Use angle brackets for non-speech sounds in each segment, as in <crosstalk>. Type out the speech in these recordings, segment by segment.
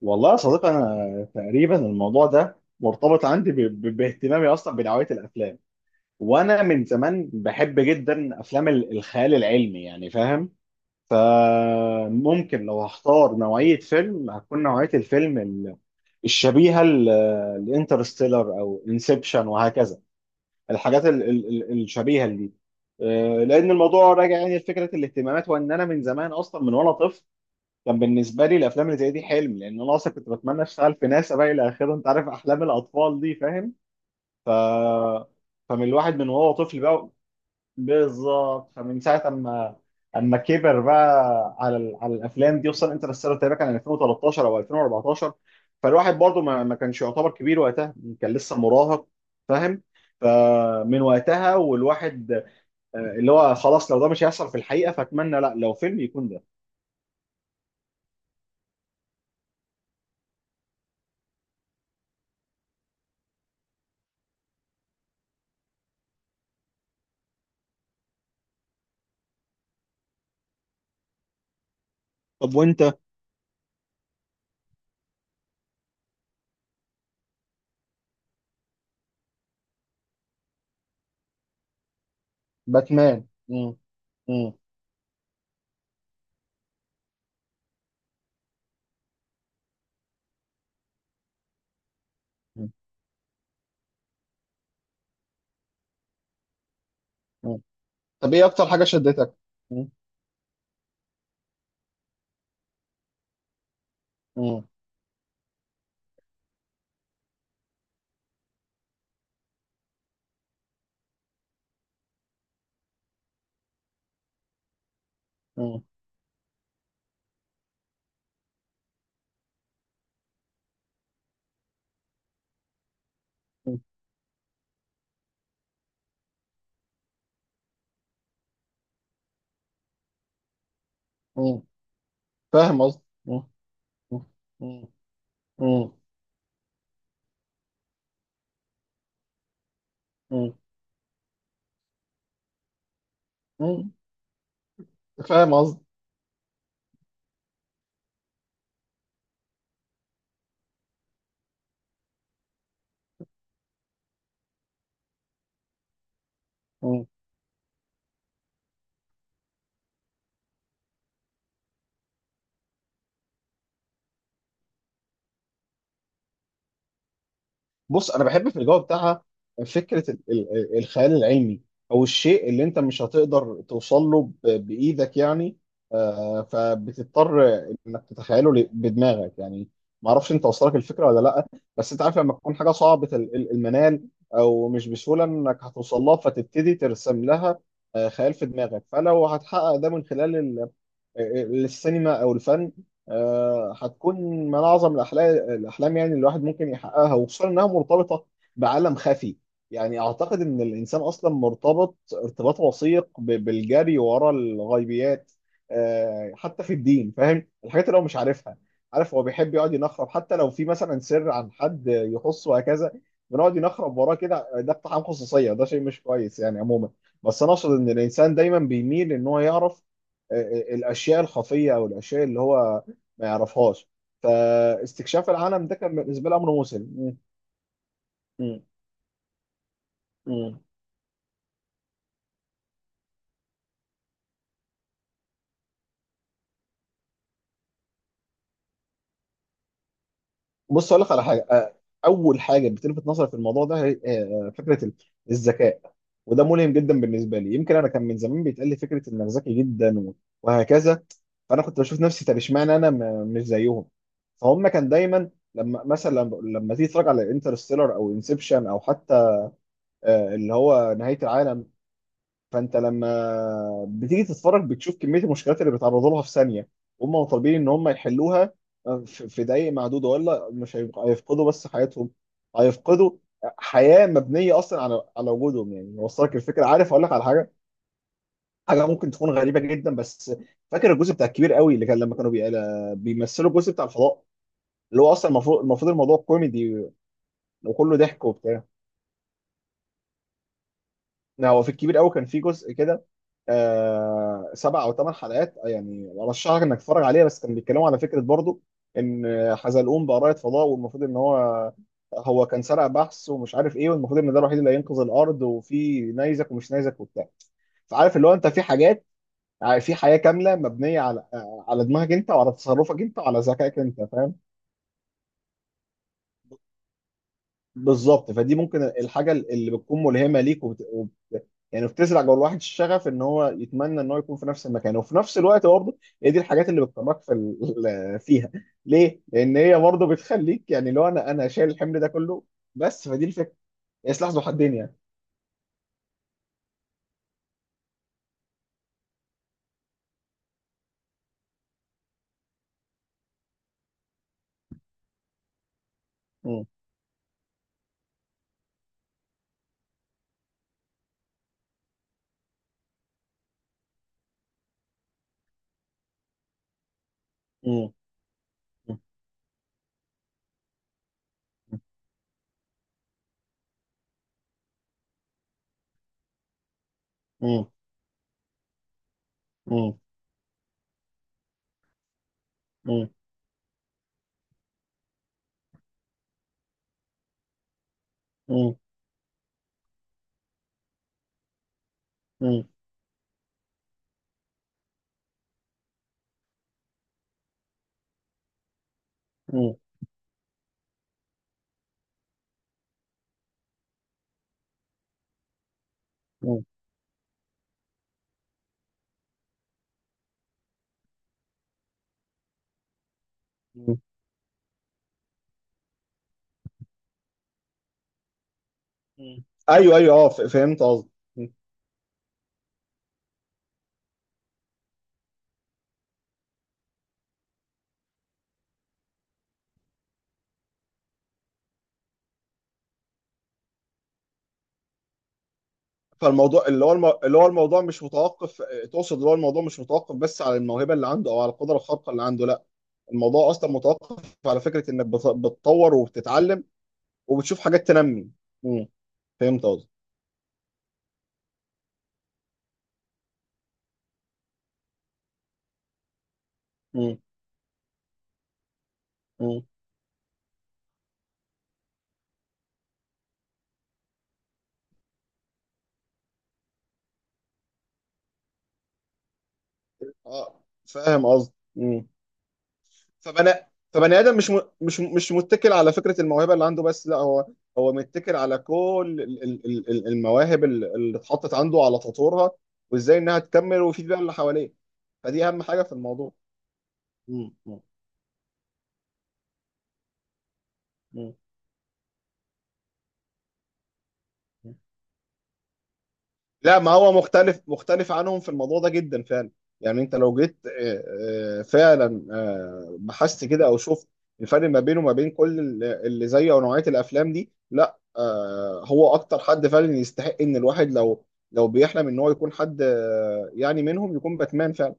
والله يا صديقي، انا تقريبا الموضوع ده مرتبط عندي باهتمامي اصلا بنوعيه الافلام. وانا من زمان بحب جدا افلام الخيال العلمي، يعني فاهم. فممكن لو هختار نوعيه فيلم، هتكون نوعيه الفيلم الشبيهه لانترستيلر او انسبشن وهكذا، الحاجات الشبيهه دي. لان الموضوع راجع يعني لفكره الاهتمامات، وان انا من زمان اصلا من وانا طفل كان بالنسبه لي الافلام اللي زي دي حلم، لان انا اصلا كنت بتمنى اشتغل في ناسا بقى الى اخره. انت عارف احلام الاطفال دي، فاهم. ف فمن الواحد من وهو طفل بقى، بالظبط. فمن ساعه اما كبر بقى على على الافلام دي، وصل انترستيلر تقريبا كان 2013 او 2014. فالواحد برضه ما كانش يعتبر كبير وقتها، كان لسه مراهق، فاهم. فمن وقتها والواحد اللي هو خلاص، لو ده مش هيحصل في الحقيقه فاتمنى، لا لو فيلم، يكون ده. طب وانت؟ باتمان. مم. مم. مم. مم. طب ايه اكتر حاجه شدتك؟ مم. مم. مم. مم. مم. فاهم قصدي. مم. مم. مم. مم. مم. فاهم قصدي. بص، انا بحب في الجو بتاعها فكره الخيال العلمي، او الشيء اللي انت مش هتقدر توصل له بايدك يعني. فبتضطر انك تتخيله بدماغك يعني. ما اعرفش انت وصلك الفكره ولا لا، بس انت عارف لما تكون حاجه صعبه المنال، او مش بسهوله انك هتوصل لها، فتبتدي ترسم لها خيال في دماغك. فلو هتحقق ده من خلال السينما او الفن، هتكون من اعظم الاحلام. الاحلام يعني الواحد ممكن يحققها، وخصوصا انها مرتبطه بعالم خفي. يعني اعتقد ان الانسان اصلا مرتبط ارتباط وثيق بالجري ورا الغيبيات، حتى في الدين، فاهم، الحاجات اللي هو مش عارفها. عارف، هو بيحب يقعد ينخرب حتى لو في مثلا سر عن حد يخصه وهكذا. بنقعد ينخرب وراه كده، ده اقتحام خصوصيه، ده شيء مش كويس يعني عموما. بس انا اقصد ان الانسان دايما بيميل ان هو يعرف الاشياء الخفيه، او الاشياء اللي هو ما يعرفهاش. فاستكشاف العالم ده كان بالنسبه لي امر مسلم. مم. مم. مم. بص، اقول لك على حاجه. اول حاجه بتلفت نظري في الموضوع ده هي فكره الذكاء. وده ملهم جدا بالنسبه لي، يمكن انا كان من زمان بيتقال لي فكره انك ذكي جدا وهكذا. فانا كنت بشوف نفسي طب اشمعنى انا مش زيهم؟ فهم كان دايما لما مثلا لما تيجي تتفرج على انترستيلر او انسبشن، او حتى اللي هو نهايه العالم. فانت لما بتيجي تتفرج بتشوف كميه المشكلات اللي بيتعرضوا لها في ثانيه، هم طالبين ان هم يحلوها في دقائق معدوده، ولا مش هيفقدوا بس حياتهم، هيفقدوا حياه مبنيه اصلا على وجودهم. يعني وصلك الفكره. عارف اقول لك على حاجه، حاجه ممكن تكون غريبه جدا بس. فاكر الجزء بتاع الكبير قوي اللي كان لما كانوا بيمثلوا الجزء بتاع الفضاء، اللي هو اصلا المفروض الموضوع كوميدي وكله ضحك وبتاع. هو في الكبير قوي كان في جزء كده، آه، سبع او ثمان حلقات، يعني ارشحك انك تتفرج عليه. بس كان بيتكلموا على فكره برضو ان حزلقوم بقى رائد فضاء، والمفروض ان هو كان سرق بحث ومش عارف ايه، والمفروض ان ده الوحيد اللي هينقذ الارض، وفي نيزك ومش نيزك وبتاع. فعارف اللي هو انت في حاجات، في حياه كامله مبنيه على على دماغك انت، وعلى تصرفك انت، وعلى ذكائك انت، فاهم. بالظبط. فدي ممكن الحاجه اللي بتكون ملهمه ليك، يعني بتزرع جوه الواحد الشغف ان هو يتمنى ان هو يكون في نفس المكان وفي نفس الوقت برضه. هي دي الحاجات اللي بتطمك في <laughs> فيها. ليه؟ لان هي برضه بتخليك، يعني لو انا شايل الحمل ده كله بس. فدي الفكره، هي سلاح ذو حدين يعني. مم. مم. مم. مم. مم. مم. مم. مم. مم. مم. ايوه ايوه اه، فهمت قصدي. فالموضوع اللي هو اللي هو الموضوع مش متوقف. تقصد اللي هو الموضوع مش متوقف بس على الموهبه اللي عنده، او على القدره الخارقه اللي عنده، لا. الموضوع اصلا متوقف على فكره انك بتطور وبتتعلم وبتشوف حاجات تنمي. امم. فهمت قصدي. امم. امم. اه فاهم قصدي. امم. فبني. فبني ادم مش مش متكل على فكره الموهبه اللي عنده بس، لا، هو متكل على كل المواهب اللي اتحطت عنده، على تطورها، وازاي انها تكمل ويفيد بيها اللي حواليه. فدي اهم حاجه في الموضوع. مم. مم. مم. مم. لا، ما هو مختلف عنهم في الموضوع ده جدا فعلا. يعني انت لو جيت فعلا بحثت كده، او شفت الفرق ما بينه وما بين كل اللي زيه، او نوعية الافلام دي، لا هو اكتر حد فعلا يستحق ان الواحد لو بيحلم ان هو يكون حد يعني منهم، يكون باتمان فعلا.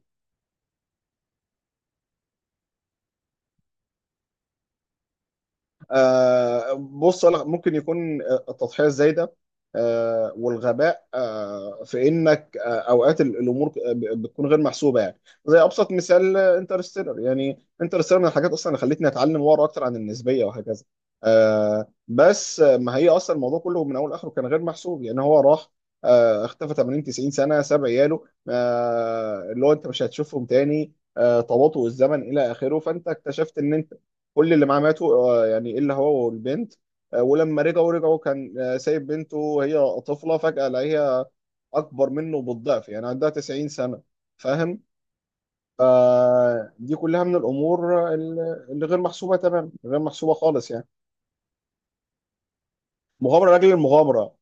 بص، أنا ممكن يكون التضحية الزايدة والغباء، في انك اوقات الامور بتكون غير محسوبه يعني. زي ابسط مثال انترستيلر. يعني انترستيلر من الحاجات اصلا اللي خلتني اتعلم واقرا اكتر عن النسبيه وهكذا. بس ما هي اصلا الموضوع كله من اول لاخره كان غير محسوب. يعني هو راح اختفى 80 90 سنه، ساب عياله اللي هو انت مش هتشوفهم تاني، تباطؤ الزمن الى اخره. فانت اكتشفت ان انت كل اللي معاه ماتوا، يعني الا هو والبنت. ولما رجعوا، رجعوا كان سايب بنته وهي طفله، فجاه لقيها اكبر منه بالضعف، يعني عندها 90 سنه، فاهم. فدي كلها من الامور اللي غير محسوبه تمام، غير محسوبه خالص يعني. مغامره لاجل المغامره.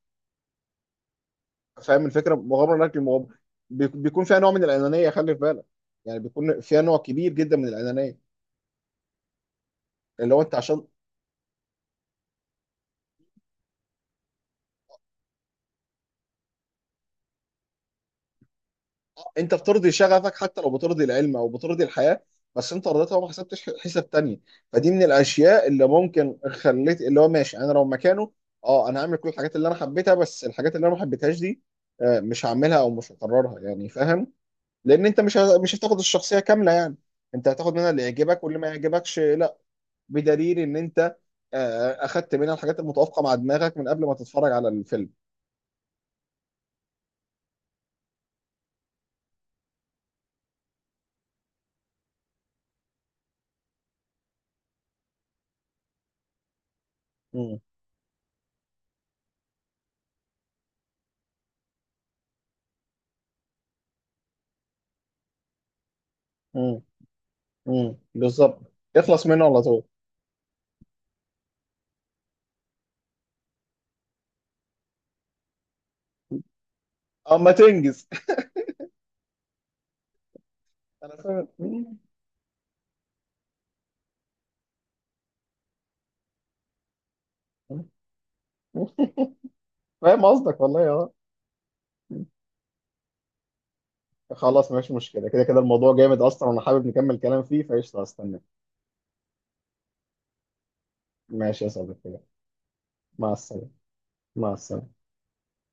فاهم الفكره، مغامره لاجل المغامره. بيكون فيها نوع من الانانيه، خلي في بالك. يعني بيكون فيها نوع كبير جدا من الانانيه. اللي هو انت عشان انت بترضي شغفك، حتى لو بترضي العلم او بترضي الحياه، بس انت رضيتها وما حسبتش حساب تاني. فدي من الاشياء اللي ممكن خليت اللي هو ماشي انا لو مكانه، اه، انا هعمل كل الحاجات اللي انا حبيتها، بس الحاجات اللي انا ما حبيتهاش دي مش هعملها او مش هقررها يعني، فاهم. لان انت مش هتاخد الشخصيه كامله يعني، انت هتاخد منها اللي يعجبك، واللي ما يعجبكش لا. بدليل ان انت آه، اخدت منها الحاجات المتوافقه مع دماغك من قبل ما تتفرج على الفيلم. امم. امم. بالظبط، اخلص منه على طول. اما تنجز. انا فاهم. <laughs> فاهم قصدك والله، اه. خلاص، مفيش مشكله، كده كده الموضوع جامد اصلا، وانا حابب نكمل كلام فيه، فقشطه هستنى. ماشي يا صديقي، مع السلامه. مع السلامه.